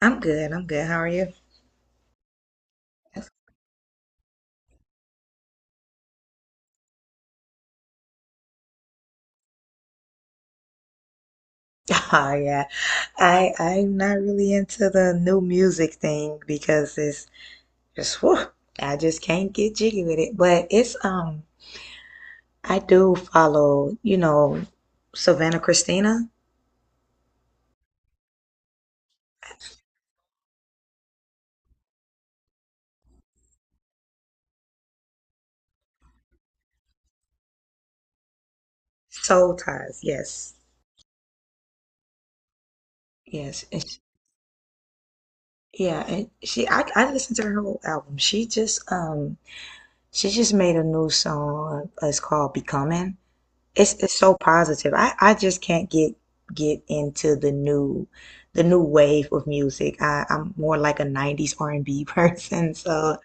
I'm good. I'm good. How are you? Oh yeah. I'm not really into the new music thing because it's just whew, I just can't get jiggy with it. But it's I do follow, you know, Savannah Christina. Soul Ties, yes. Yes. And sh yeah, and she I listened to her whole album. She just made a new song. It's called Becoming. It's so positive. I just can't get into the new wave of music. I'm more like a 90s R&B person, so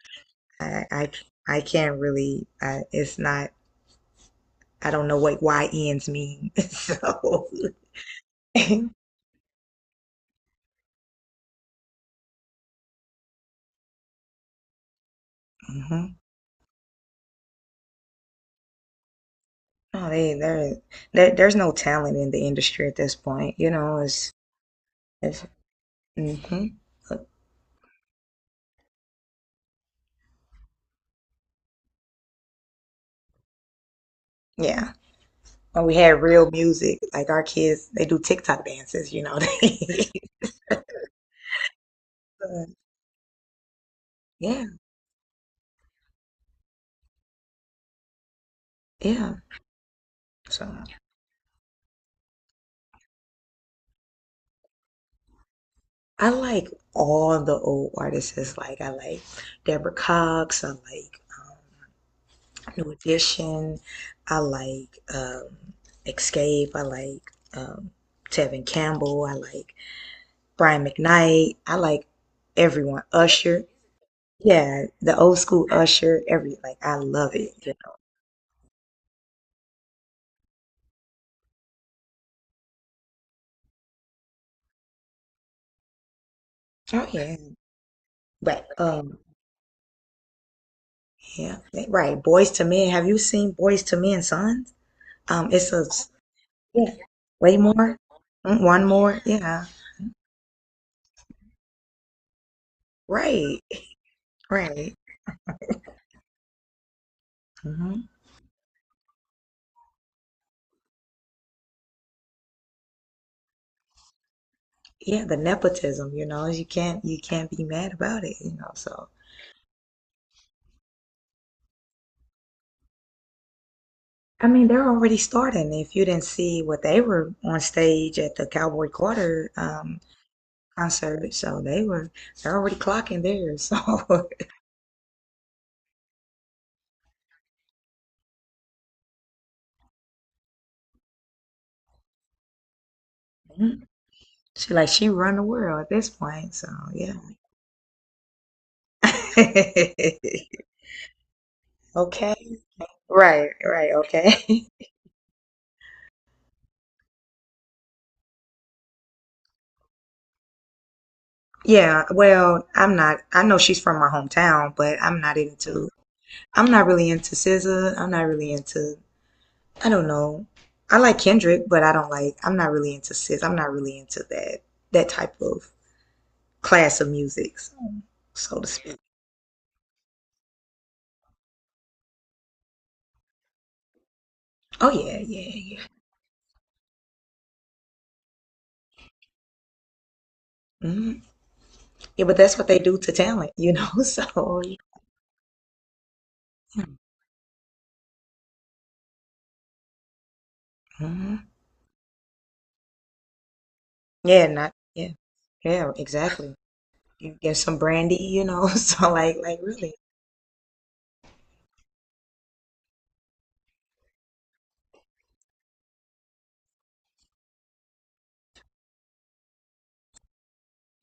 I I, I can't really I, it's not I don't know what Y YNs mean. So hmm No, they there there there's no talent in the industry at this point. You know, it's hmm yeah. When we had real music, like our kids, they do TikTok dances, you know. They, yeah. Yeah. So I like all the old artists. Like I like Deborah Cox. I like New Edition. I like Escape. I like um, Tevin Campbell. I like Brian McKnight. I like everyone. Usher. Yeah, the old school Usher. Every like I love it. You know. Oh yeah, right. Yeah. Right. Boys to Men. Have you seen Boys to Men, Sons? It's a yeah. Way more. Mm, one more. Yeah. Right. Right. Hmm. Yeah, the nepotism, you know, you can't be mad about it, you know. So, I mean, they're already starting. If you didn't see what they were on stage at the Cowboy Carter concert, so they're already clocking theirs. So, Mhm. She like she run the world at this point. So, yeah. Okay. Right, right, okay. Yeah, well, I'm not. I know she's from my hometown, but I'm not into. I'm not really into SZA. I'm not really into. I don't know. I like Kendrick, but I don't like. I'm not really into SZA. I'm not really into that type of class of music, so, so to speak. Oh yeah, yeah, yeah. Hmm. Yeah, but that's what they do to talent, you know. So yeah, hmm yeah, not yeah, yeah, exactly. You get some brandy, you know. So like really,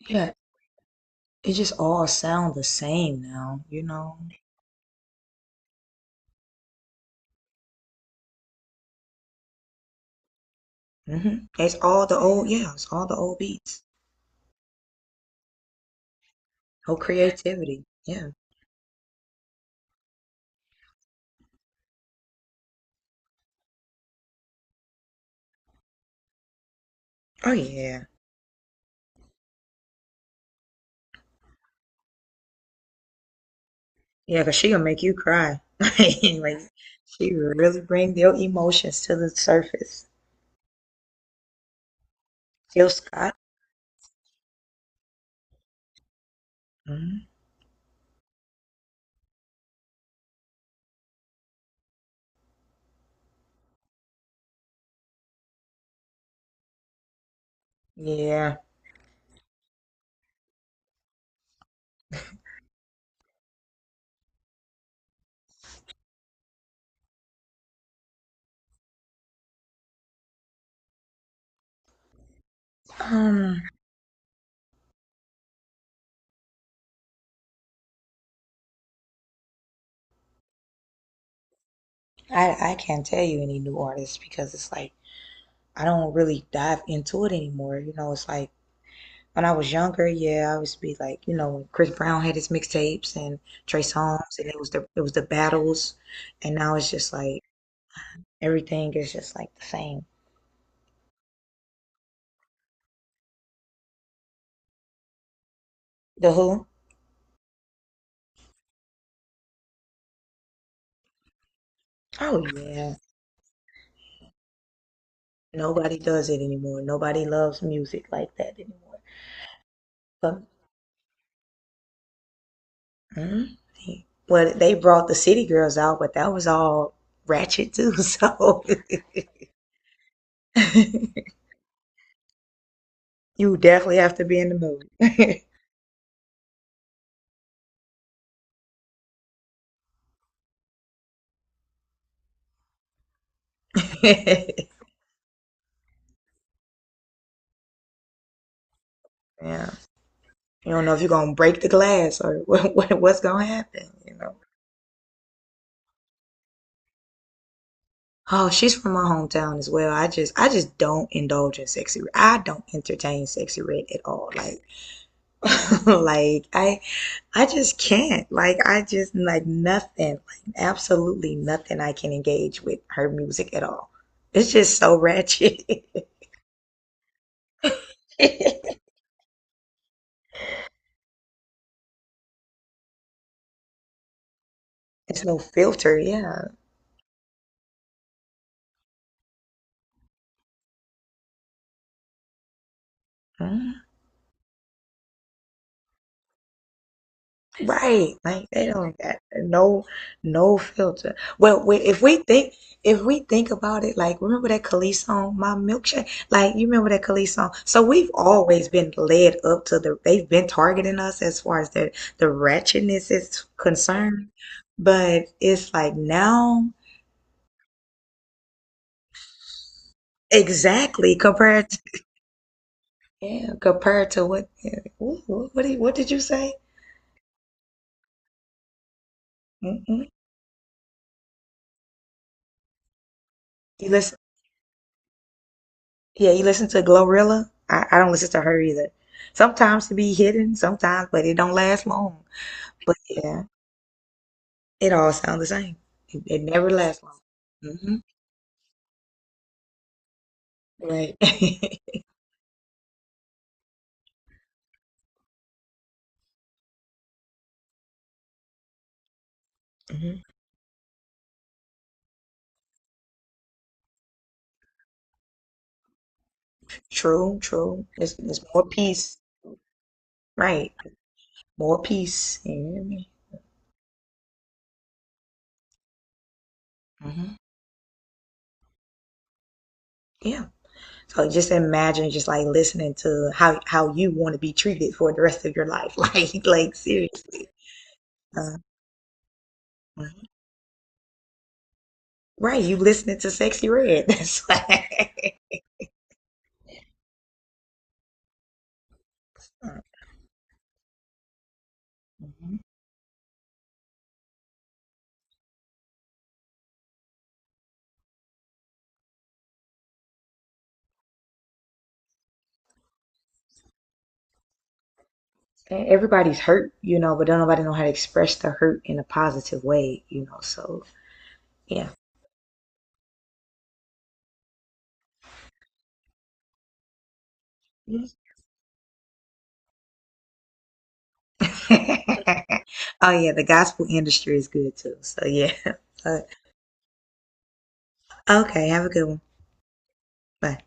yeah. It just all sound the same now, you know. Hmm. It's all the old, yeah, it's all the old beats. Old creativity, yeah. Oh yeah, yeah, cause she gonna make you cry. Like she really bring their emotions to the surface. Jill Scott. Hmm. Yeah. Um, I can't tell you any new artists because it's like I don't really dive into it anymore. You know, it's like when I was younger, yeah, I always be like, you know, when Chris Brown had his mixtapes and Trey Songz, and it was the battles, and now it's just like everything is just like the same. The Who? Oh yeah, nobody does it anymore. Nobody loves music like that anymore. But mm, well, they brought the City Girls out, but that was all ratchet too. So you definitely have to be in the mood. Yeah. You don't know if you're gonna break the glass or what, what's gonna happen, you know. Oh, she's from my hometown as well. I just don't indulge in sexy. Red. I don't entertain sexy red at all. Like like I just can't. Like I just like nothing. Like absolutely nothing I can engage with her music at all. It's just so ratchet. It's no filter, yeah. Mm. Right, like they don't got no filter. Well, we, if we think about it, like remember that Khalees song, "My Milkshake." Like you remember that Khalees song. So we've always been led up to the. They've been targeting us as far as the ratchetness is concerned, but it's like now exactly compared to yeah, compared to what yeah, what did you say? Mm-mm. You listen Yeah, you listen to Glorilla? I don't listen to her either. Sometimes it be hidden, sometimes, but it don't last long. Yeah, it all sounds the same. It never lasts long. Hmm. Right. Hmm. True, true. There's more peace. Right. More peace. You hear me? Hmm. Yeah. So just imagine just like listening to how you want to be treated for the rest of your life. Like seriously. Uh, mhm. Right. You listening to Sexy Red. That's why. Mhm. And everybody's hurt, you know, but don't nobody know how to express the hurt in a positive way, you know. So yeah. Oh yeah, the gospel industry is good too. So yeah. But, okay, have a good one. Bye.